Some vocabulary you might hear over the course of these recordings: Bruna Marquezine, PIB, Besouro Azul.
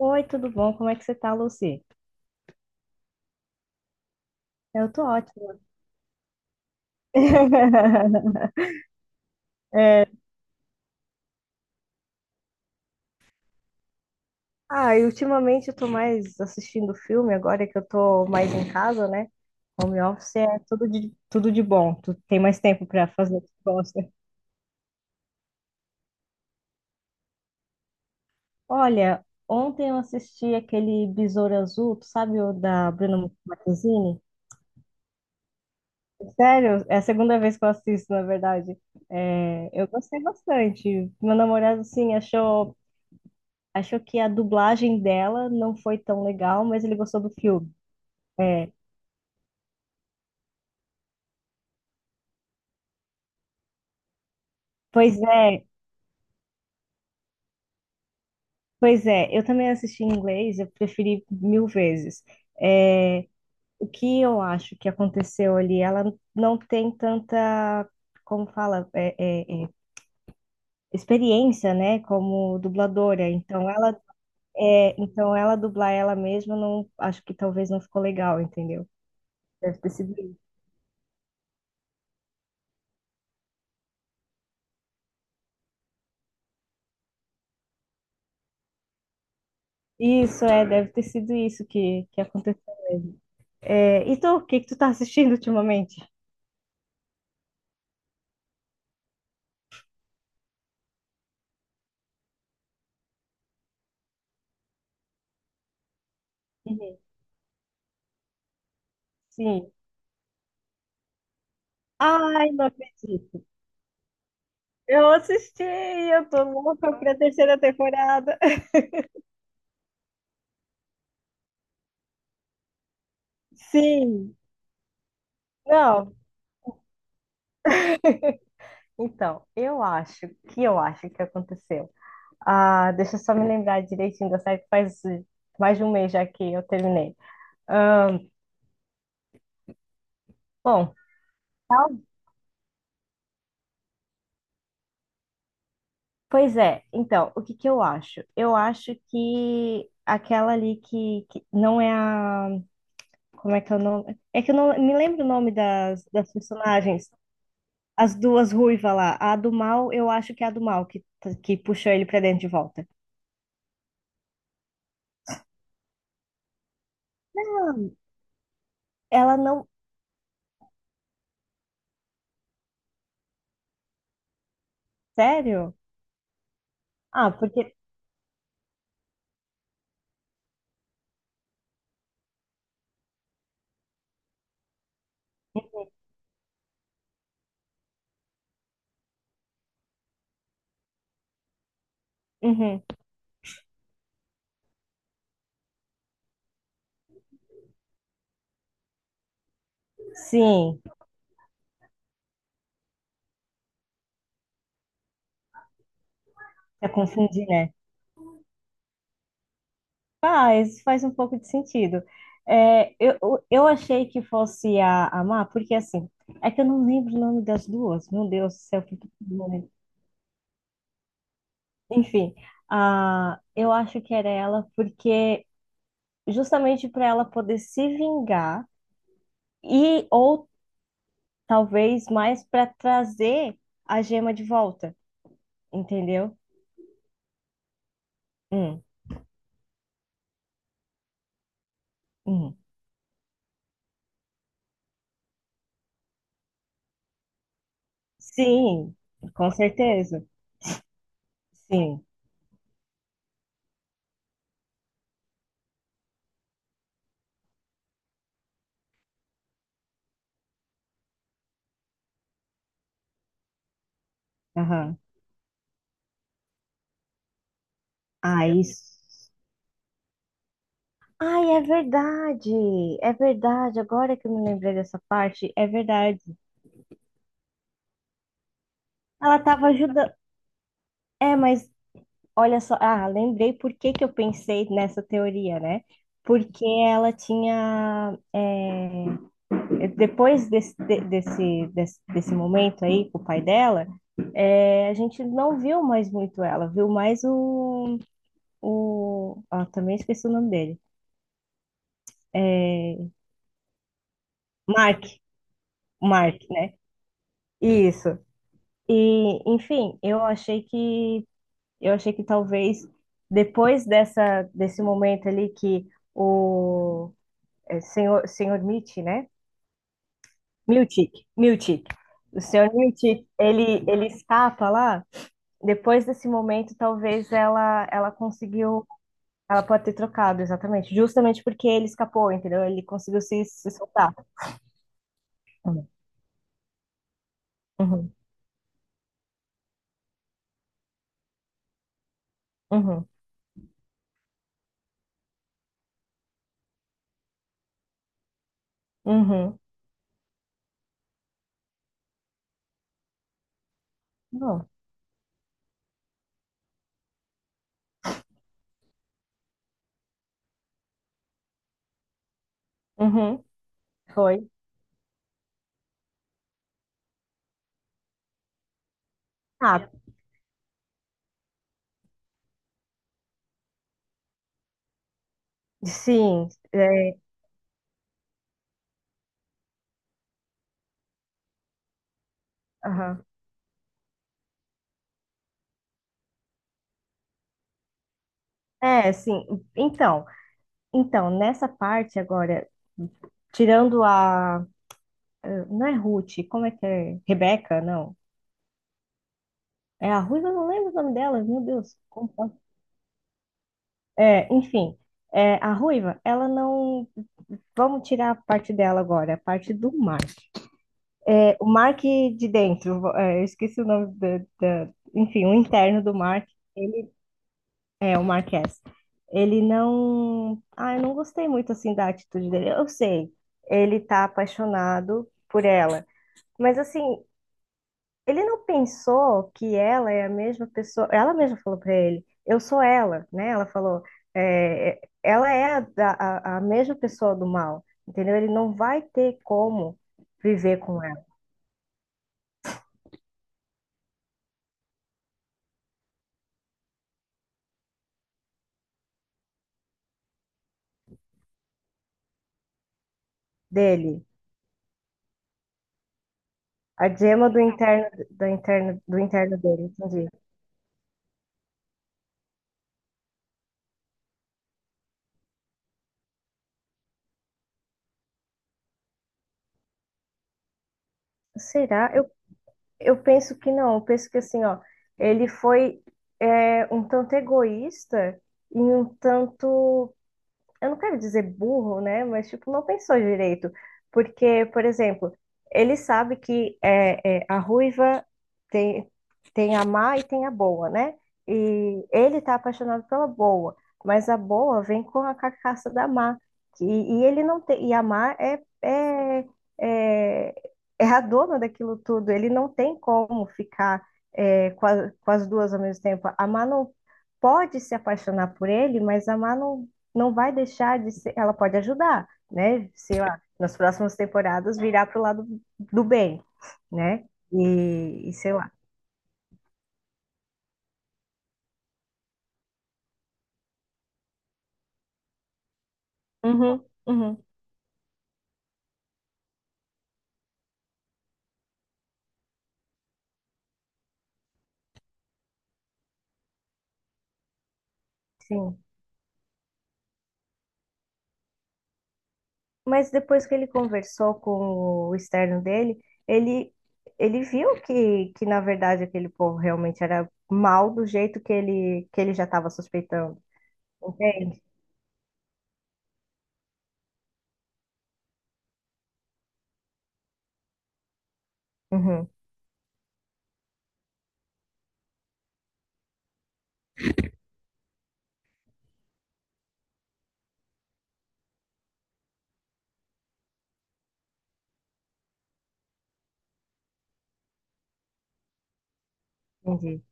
Oi, tudo bom? Como é que você tá, Lucy? Eu tô ótima. É, e ultimamente eu tô mais assistindo filme, agora que eu tô mais em casa, né? Home office é tudo de bom. Tu tem mais tempo pra fazer o que tu gosta. Olha, ontem eu assisti aquele Besouro Azul, tu sabe o da Bruna Marquezine? Sério, é a segunda vez que eu assisto, na verdade. É, eu gostei bastante. Meu namorado, assim, achou que a dublagem dela não foi tão legal, mas ele gostou do filme. É, pois é, Pois é. Eu também assisti em inglês, eu preferi mil vezes. É, o que eu acho que aconteceu ali, ela não tem tanta, como fala, é, é, experiência, né, como dubladora. Então ela dublar ela mesma, não, acho que talvez não ficou legal, entendeu? Deve ter sido isso. Isso, é, deve ter sido isso que aconteceu. É, e tu, o que que tu tá assistindo ultimamente? Uhum. Sim. Ai, não acredito. Eu assisti, eu tô louca pra terceira temporada. Sim. Não. Então, eu acho que aconteceu. Ah, deixa eu só me lembrar direitinho da série que faz mais de um mês já que eu terminei. Ah, bom, tal- pois é. Então, o que que eu acho? Eu acho que aquela ali que não é a… Como é que é o nome? É que eu não me lembro o nome das, das personagens. As duas ruivas lá. A do mal, eu acho que é a do mal que puxou ele pra dentro de volta. Ela não. Sério? Ah, porque… Uhum. Sim, já confundi, né? Faz, faz um pouco de sentido. Eu eu achei que fosse a Má, porque assim, é que eu não lembro o nome das duas. Meu Deus do céu, que nome. Enfim, eu acho que era ela, porque justamente para ela poder se vingar e ou talvez mais para trazer a gema de volta, entendeu? Hum, hum. Sim, com certeza. Sim. Aham. Ah, isso. Ai, é verdade. É verdade. Agora que eu me lembrei dessa parte, é verdade. Ela estava ajudando. É, mas olha só. Ah, lembrei por que que eu pensei nessa teoria, né? Porque ela tinha depois desse, desse momento aí com o pai dela, é, a gente não viu mais muito ela, viu mais o... Ah, também esqueci o nome dele. É, Mark, Mark, né? Isso. E, enfim, eu achei que talvez depois dessa desse momento ali que o é, senhor Mitch, né? Miltic. O senhor Miltic, ele escapa lá depois desse momento, talvez ela conseguiu. Ela pode ter trocado, exatamente. Justamente porque ele escapou, entendeu? Ele conseguiu se soltar. Uhum, uhum, uhum. Não. Uhum, foi. Ah, sim. É, aham. É, sim. Então, então, nessa parte agora, tirando a… Não é Ruth, como é que é? Rebeca, não. É a Ruiva, eu não lembro o nome dela, meu Deus. Como pode? É, enfim, é, a Ruiva, ela não. Vamos tirar a parte dela agora, a parte do Mark. É, o Mark de dentro, é, eu esqueci o nome da, da- enfim, o interno do Mark, ele é o Marquez. Ele não, ah, eu não gostei muito assim da atitude dele. Eu sei, ele tá apaixonado por ela, mas assim, ele não pensou que ela é a mesma pessoa. Ela mesma falou para ele: eu sou ela, né? Ela falou: é, ela é a mesma pessoa do mal, entendeu? Ele não vai ter como viver com ela, dele. A gema do interno, do interno dele, entendi. Será? Eu penso que não. Eu penso que assim, ó, ele foi é, um tanto egoísta e um tanto… eu não quero dizer burro, né? Mas, tipo, não pensou direito. Porque, por exemplo, ele sabe que é, a ruiva tem, tem a má e tem a boa, né? E ele tá apaixonado pela boa, mas a boa vem com a carcaça da má. E, e ele não tem, e a má é, é a dona daquilo tudo. Ele não tem como ficar é, com, a- com as duas ao mesmo tempo. A má não pode se apaixonar por ele, mas a má não, não vai deixar de ser, ela pode ajudar, né? Sei lá, nas próximas temporadas virar pro lado do bem, né? E sei lá. Uhum, uhum, sim. Mas depois que ele conversou com o externo dele, ele, ele viu que, na verdade, aquele povo realmente era mal do jeito que que ele já estava suspeitando. Entende? Uhum, entendi.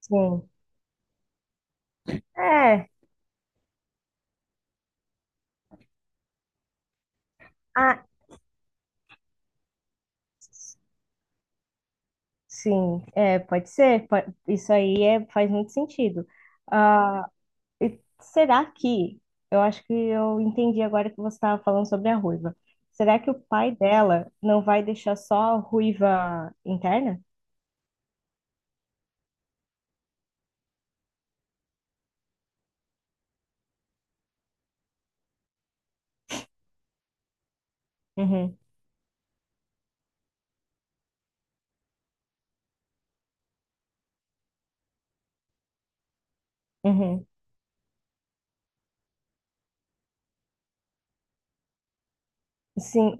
Sim. É. Ah, sim, é, pode ser. Isso aí é, faz muito sentido. Ah, e será que, eu acho que eu entendi agora que você estava falando sobre a ruiva. Será que o pai dela não vai deixar só a ruiva interna? Uhum, uhum. Sim,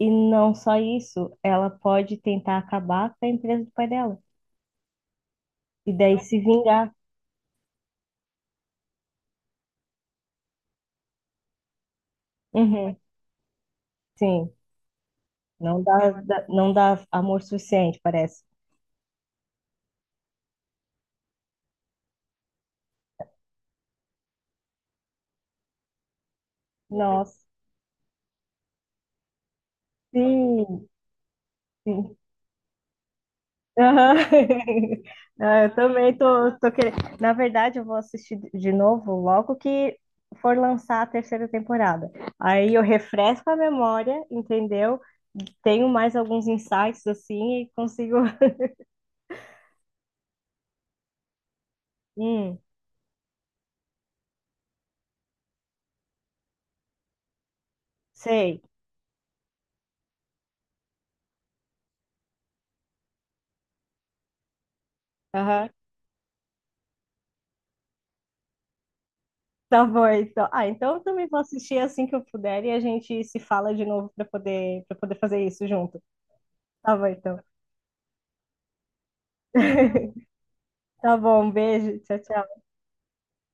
e não só isso, ela pode tentar acabar com a empresa do pai dela e daí se vingar. Uhum, sim, não dá, não dá amor suficiente, parece. Nossa, sim. Sim. Aham. Ah, eu também tô querendo. Na verdade, eu vou assistir de novo logo que for lançar a terceira temporada. Aí eu refresco a memória, entendeu? Tenho mais alguns insights assim e consigo. Hum, sei. Aham. Tá bom, então. Ah, então eu também vou assistir assim que eu puder e a gente se fala de novo para poder fazer isso junto. Tá bom, então. Tá bom, um beijo. Tchau, tchau.